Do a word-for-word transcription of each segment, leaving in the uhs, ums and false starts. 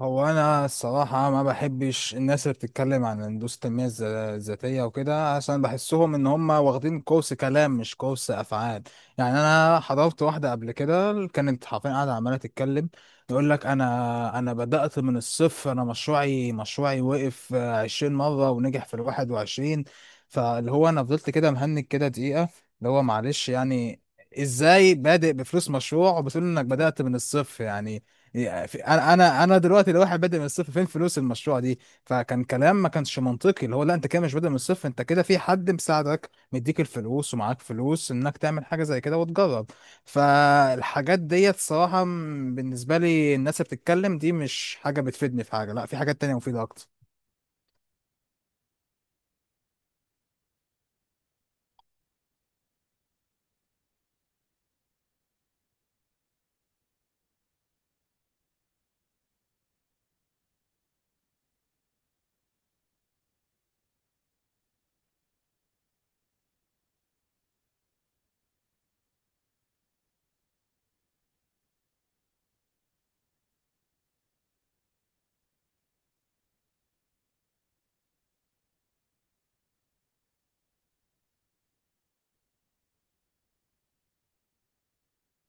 هو انا الصراحه ما بحبش الناس اللي بتتكلم عن هندسه التنميه الذ- الذاتيه وكده عشان بحسهم ان هم واخدين كورس كلام مش كورس افعال. يعني انا حضرت واحده قبل كده، كانت حرفيا قاعده عماله تتكلم، يقول لك انا انا بدات من الصفر، انا مشروعي مشروعي وقف آه، عشرين مره ونجح في الواحد وعشرين. فاللي هو انا فضلت كده مهنج كده دقيقه، اللي هو معلش يعني، ازاي بادئ بفلوس مشروع وبتقول انك بدات من الصفر؟ يعني يعني في- انا انا انا دلوقتي لو واحد بادئ من الصفر فين فلوس المشروع دي؟ فكان كلام ما كانش منطقي، اللي هو لا انت كده مش بادئ من الصفر، انت كده في حد مساعدك مديك الفلوس ومعاك فلوس انك تعمل حاجه زي كده وتجرب. فالحاجات ديت صراحه م- بالنسبه لي الناس اللي بتتكلم دي مش حاجه بتفيدني في حاجه، لا في حاجات تانية مفيده اكتر.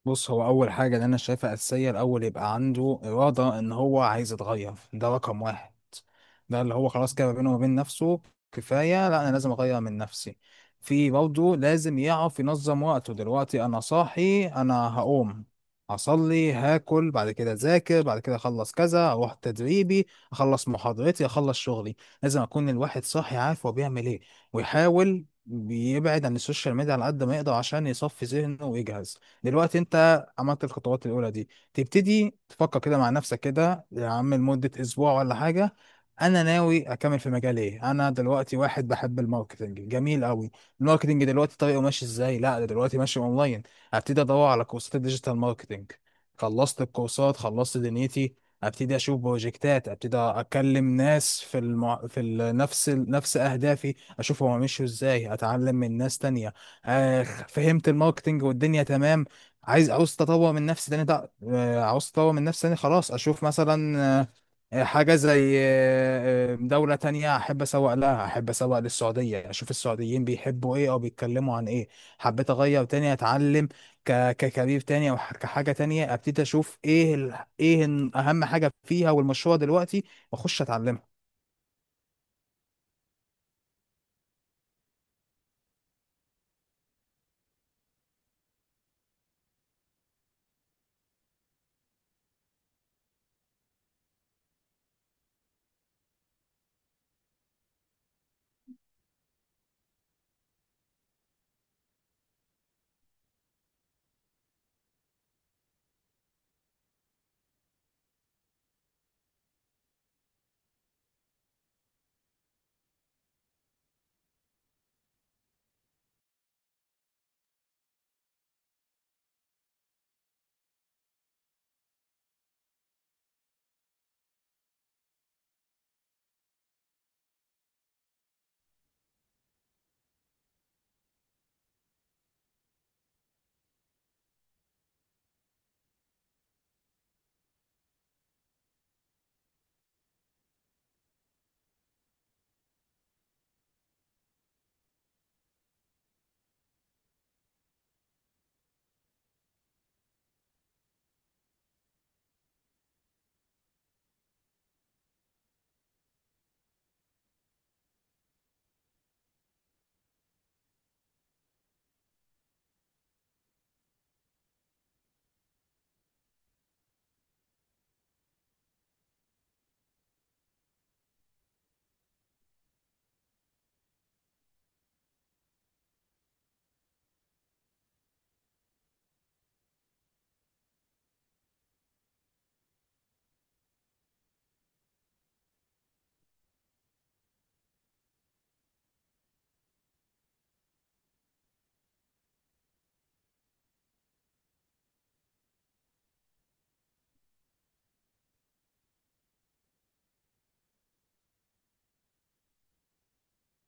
بص، هو اول حاجه اللي انا شايفها اساسيه، الاول يبقى عنده اراده ان هو عايز يتغير، ده رقم واحد. ده اللي هو خلاص كده ما بينه وبين نفسه، كفايه لا انا لازم اغير من نفسي. في برضه لازم يعرف ينظم وقته، دلوقتي انا صاحي انا هقوم هصلي هاكل بعد كده اذاكر بعد كده اخلص كذا اروح تدريبي اخلص محاضرتي اخلص شغلي. لازم اكون الواحد صاحي عارف هو بيعمل ايه، ويحاول بيبعد عن السوشيال ميديا على قد ما يقدر عشان يصفي ذهنه ويجهز. دلوقتي انت عملت الخطوات الاولى دي، تبتدي تفكر كده مع نفسك كده يا عم لمده اسبوع ولا حاجه، انا ناوي اكمل في مجال ايه. انا دلوقتي واحد بحب الماركتنج جميل قوي، الماركتنج دلوقتي طريقه ماشي ازاي؟ لا ده دلوقتي ماشي اونلاين، هبتدي ادور على كورسات الديجيتال ماركتنج. خلصت الكورسات خلصت دنيتي، ابتدي اشوف بروجكتات، ابتدي اكلم ناس في المع... في ال- نفس ال... نفس اهدافي، اشوف هما مشوا ازاي، اتعلم من ناس تانية. آه فهمت الماركتنج والدنيا تمام. عايز عاوز تطور من نفسي تاني، ده آه، عاوز تطور من نفسي تاني، خلاص اشوف مثلا آه، آه، حاجة زي آه، آه، دولة تانية احب اسوق لها، احب اسوق للسعودية، اشوف السعوديين بيحبوا ايه او بيتكلموا عن ايه. حبيت اغير تاني، اتعلم ك- ككارير تاني، او ح- كحاجة تانية، ابتدي اشوف ايه ال... ايه ال- اهم حاجة فيها والمشروع دلوقتي، واخش اتعلمها.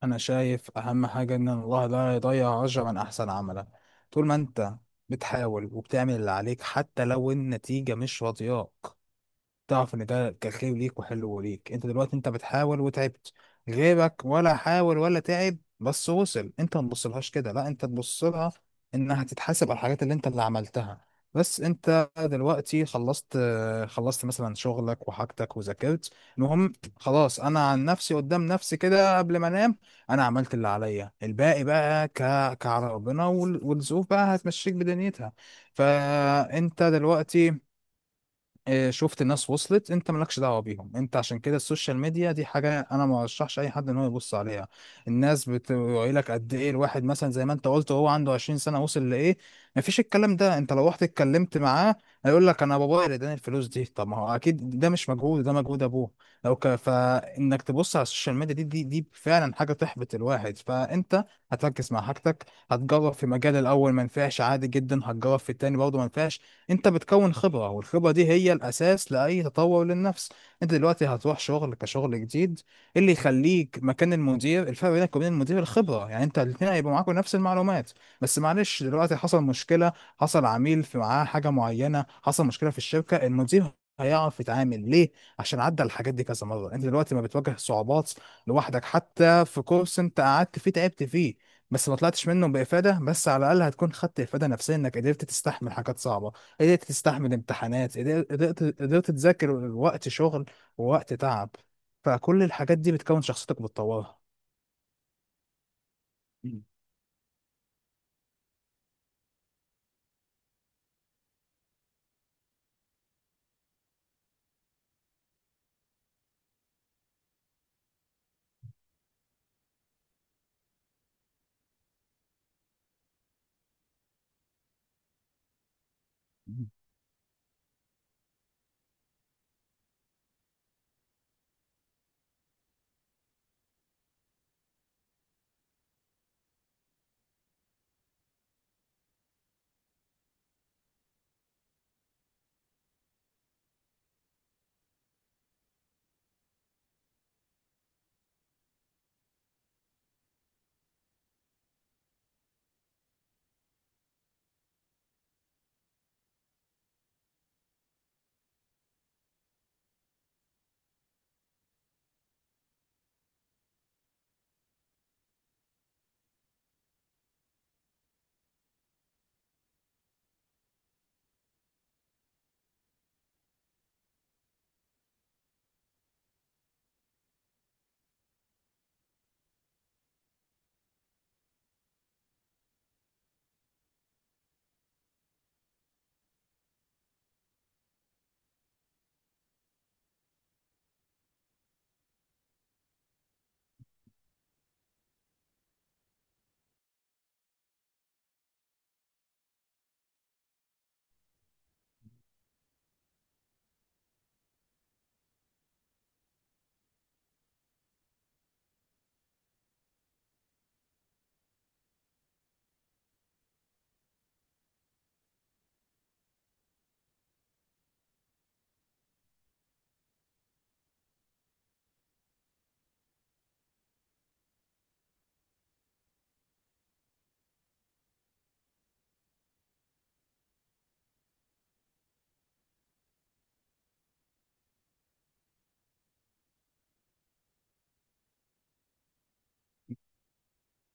انا شايف اهم حاجه ان الله لا يضيع اجرا من احسن عملا. طول ما انت بتحاول وبتعمل اللي عليك حتى لو النتيجه مش راضياك، تعرف ان ده كان خير ليك وحلو ليك. انت دلوقتي انت بتحاول وتعبت، غيرك ولا حاول ولا تعب بس وصل، انت ما تبصلهاش كده، لا انت تبص لها انها تتحاسب على الحاجات اللي انت اللي عملتها. بس انت دلوقتي خلصت آه، خلصت مثلا شغلك وحاجتك وذاكرت المهم، خلاص انا عن نفسي قدام نفسي كده قبل ما انام انا عملت اللي عليا، الباقي بقى ك... كعلى ربنا وال- والظروف بقى هتمشيك بدنيتها. فانت دلوقتي آه، شفت ناس وصلت، انت مالكش دعوه بيهم. انت عشان كده السوشيال ميديا دي حاجه انا ما ارشحش اي حد ان هو يبص عليها. الناس بتقول لك قد ايه الواحد مثلا زي ما انت قلت هو عنده عشرين سنه وصل لايه. مفيش الكلام ده، انت لو رحت اتكلمت معاه هيقول لك انا بابايا اللي اداني الفلوس دي. طب ما هو اكيد ده مش مجهود، ده مجهود ابوه. لو ك... فانك تبص على السوشيال ميديا دي, دي دي فعلا حاجه تحبط الواحد. فانت هتركز مع حاجتك، هتجرب في مجال الاول ما نفعش عادي جدا، هتجرب في التاني برضه ما نفعش. انت بتكون خبرة، والخبرة دي هي الاساس لاي تطور للنفس. انت دلوقتي هتروح شغل كشغل جديد، إيه اللي يخليك مكان المدير؟ الفرق بينك وبين المدير الخبرة. يعني انت الاثنين هيبقوا معاكوا نفس المعلومات، بس معلش دلوقتي حصل مشكلة، حصل عميل في معاه حاجة معينة، حصل مشكلة في الشركة، المدير هيعرف يتعامل ليه؟ عشان عدى الحاجات دي كذا مرة. انت دلوقتي ما بتواجه صعوبات لوحدك، حتى في كورس انت قعدت فيه تعبت فيه بس ما طلعتش منه بإفادة، بس على الأقل هتكون خدت إفادة نفسية انك قدرت تستحمل حاجات صعبة، قدرت تستحمل امتحانات، قدرت قدرت قدرت تذاكر وقت شغل ووقت تعب. فكل الحاجات دي بتكون شخصيتك بتطورها.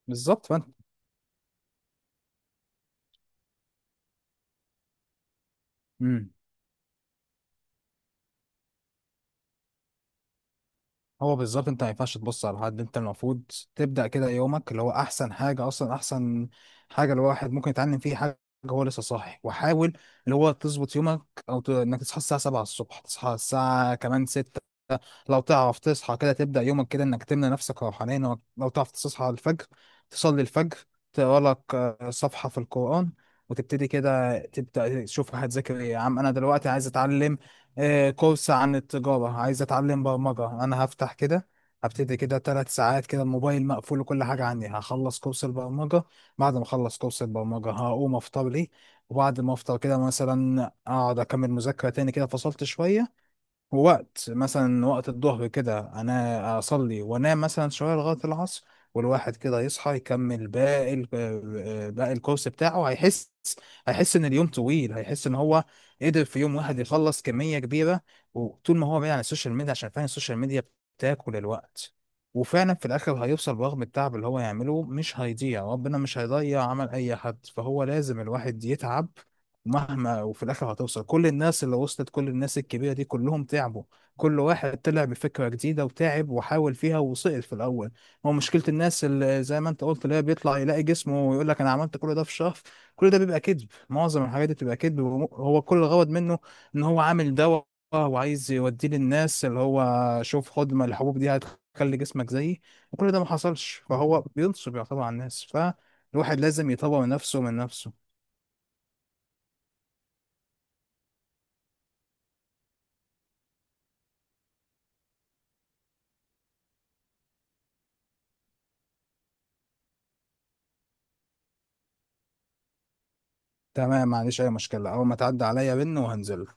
بالظبط فانت. مم. هو بالظبط انت ما ينفعش تبص على حد، انت المفروض تبدأ كده يومك. اللي هو احسن حاجة، اصلا احسن حاجة الواحد ممكن يتعلم فيه حاجة هو لسه صاحي وحاول، اللي هو تظبط يومك، او ت... انك تصحى الساعة سبعه الصبح، تصحى الساعة كمان سته. لو تعرف تصحى كده تبدأ يومك كده انك تمنى نفسك روحانيا، لو لو تعرف تصحى الفجر تصلي الفجر، تقرا لك آه، صفحة في القرآن. وتبتدي كده تبدأ تشوف هتذاكر ايه؟ يا عم انا دلوقتي عايز اتعلم آه، كورس عن التجارة، عايز أتعلم برمجة. أنا هفتح كده هبتدي كده تلات ساعات كده الموبايل مقفول وكل حاجة عندي، هخلص كورس البرمجة. بعد ما أخلص كورس البرمجة هقوم أفطر لي، وبعد ما أفطر كده مثلا أقعد أكمل مذاكرة تاني كده، فصلت شوية وقت مثلا، وقت الظهر كده انا اصلي وانام مثلا شويه لغايه العصر. والواحد كده يصحى يكمل باقي ال- آه، باقي الكورس بتاعه. هيحس، هيحس ان اليوم طويل، هيحس ان هو قدر في يوم واحد يخلص كميه كبيره. وطول ما هو بعيد عن السوشيال ميديا، عشان فعلا السوشيال ميديا بتاكل الوقت. وفعلا في الاخر هيوصل، برغم التعب اللي هو يعمله مش هيضيع، ربنا مش هيضيع عمل اي حد، فهو لازم الواحد يتعب مهما، وفي الاخر هتوصل. كل الناس اللي وصلت، كل الناس الكبيره دي، كلهم تعبوا، كل واحد طلع بفكره جديده وتعب وحاول فيها وسقط في الاول. هو مشكله الناس اللي زي ما انت قلت اللي هي بيطلع يلاقي جسمه ويقول لك انا عملت كل ده في شهر، كل ده بيبقى كذب. معظم الحاجات دي بتبقى كذب، هو كل الغرض منه ان هو عامل دواء وعايز يوديه للناس، اللي هو شوف خد ما الحبوب دي هتخلي جسمك زيي، وكل ده ما حصلش، فهو بينصب يعتبر على الناس. فالواحد لازم يطور نفسه من نفسه. تمام ما عنديش اي مشكله، اول ما تعدي عليا بن وهنزله.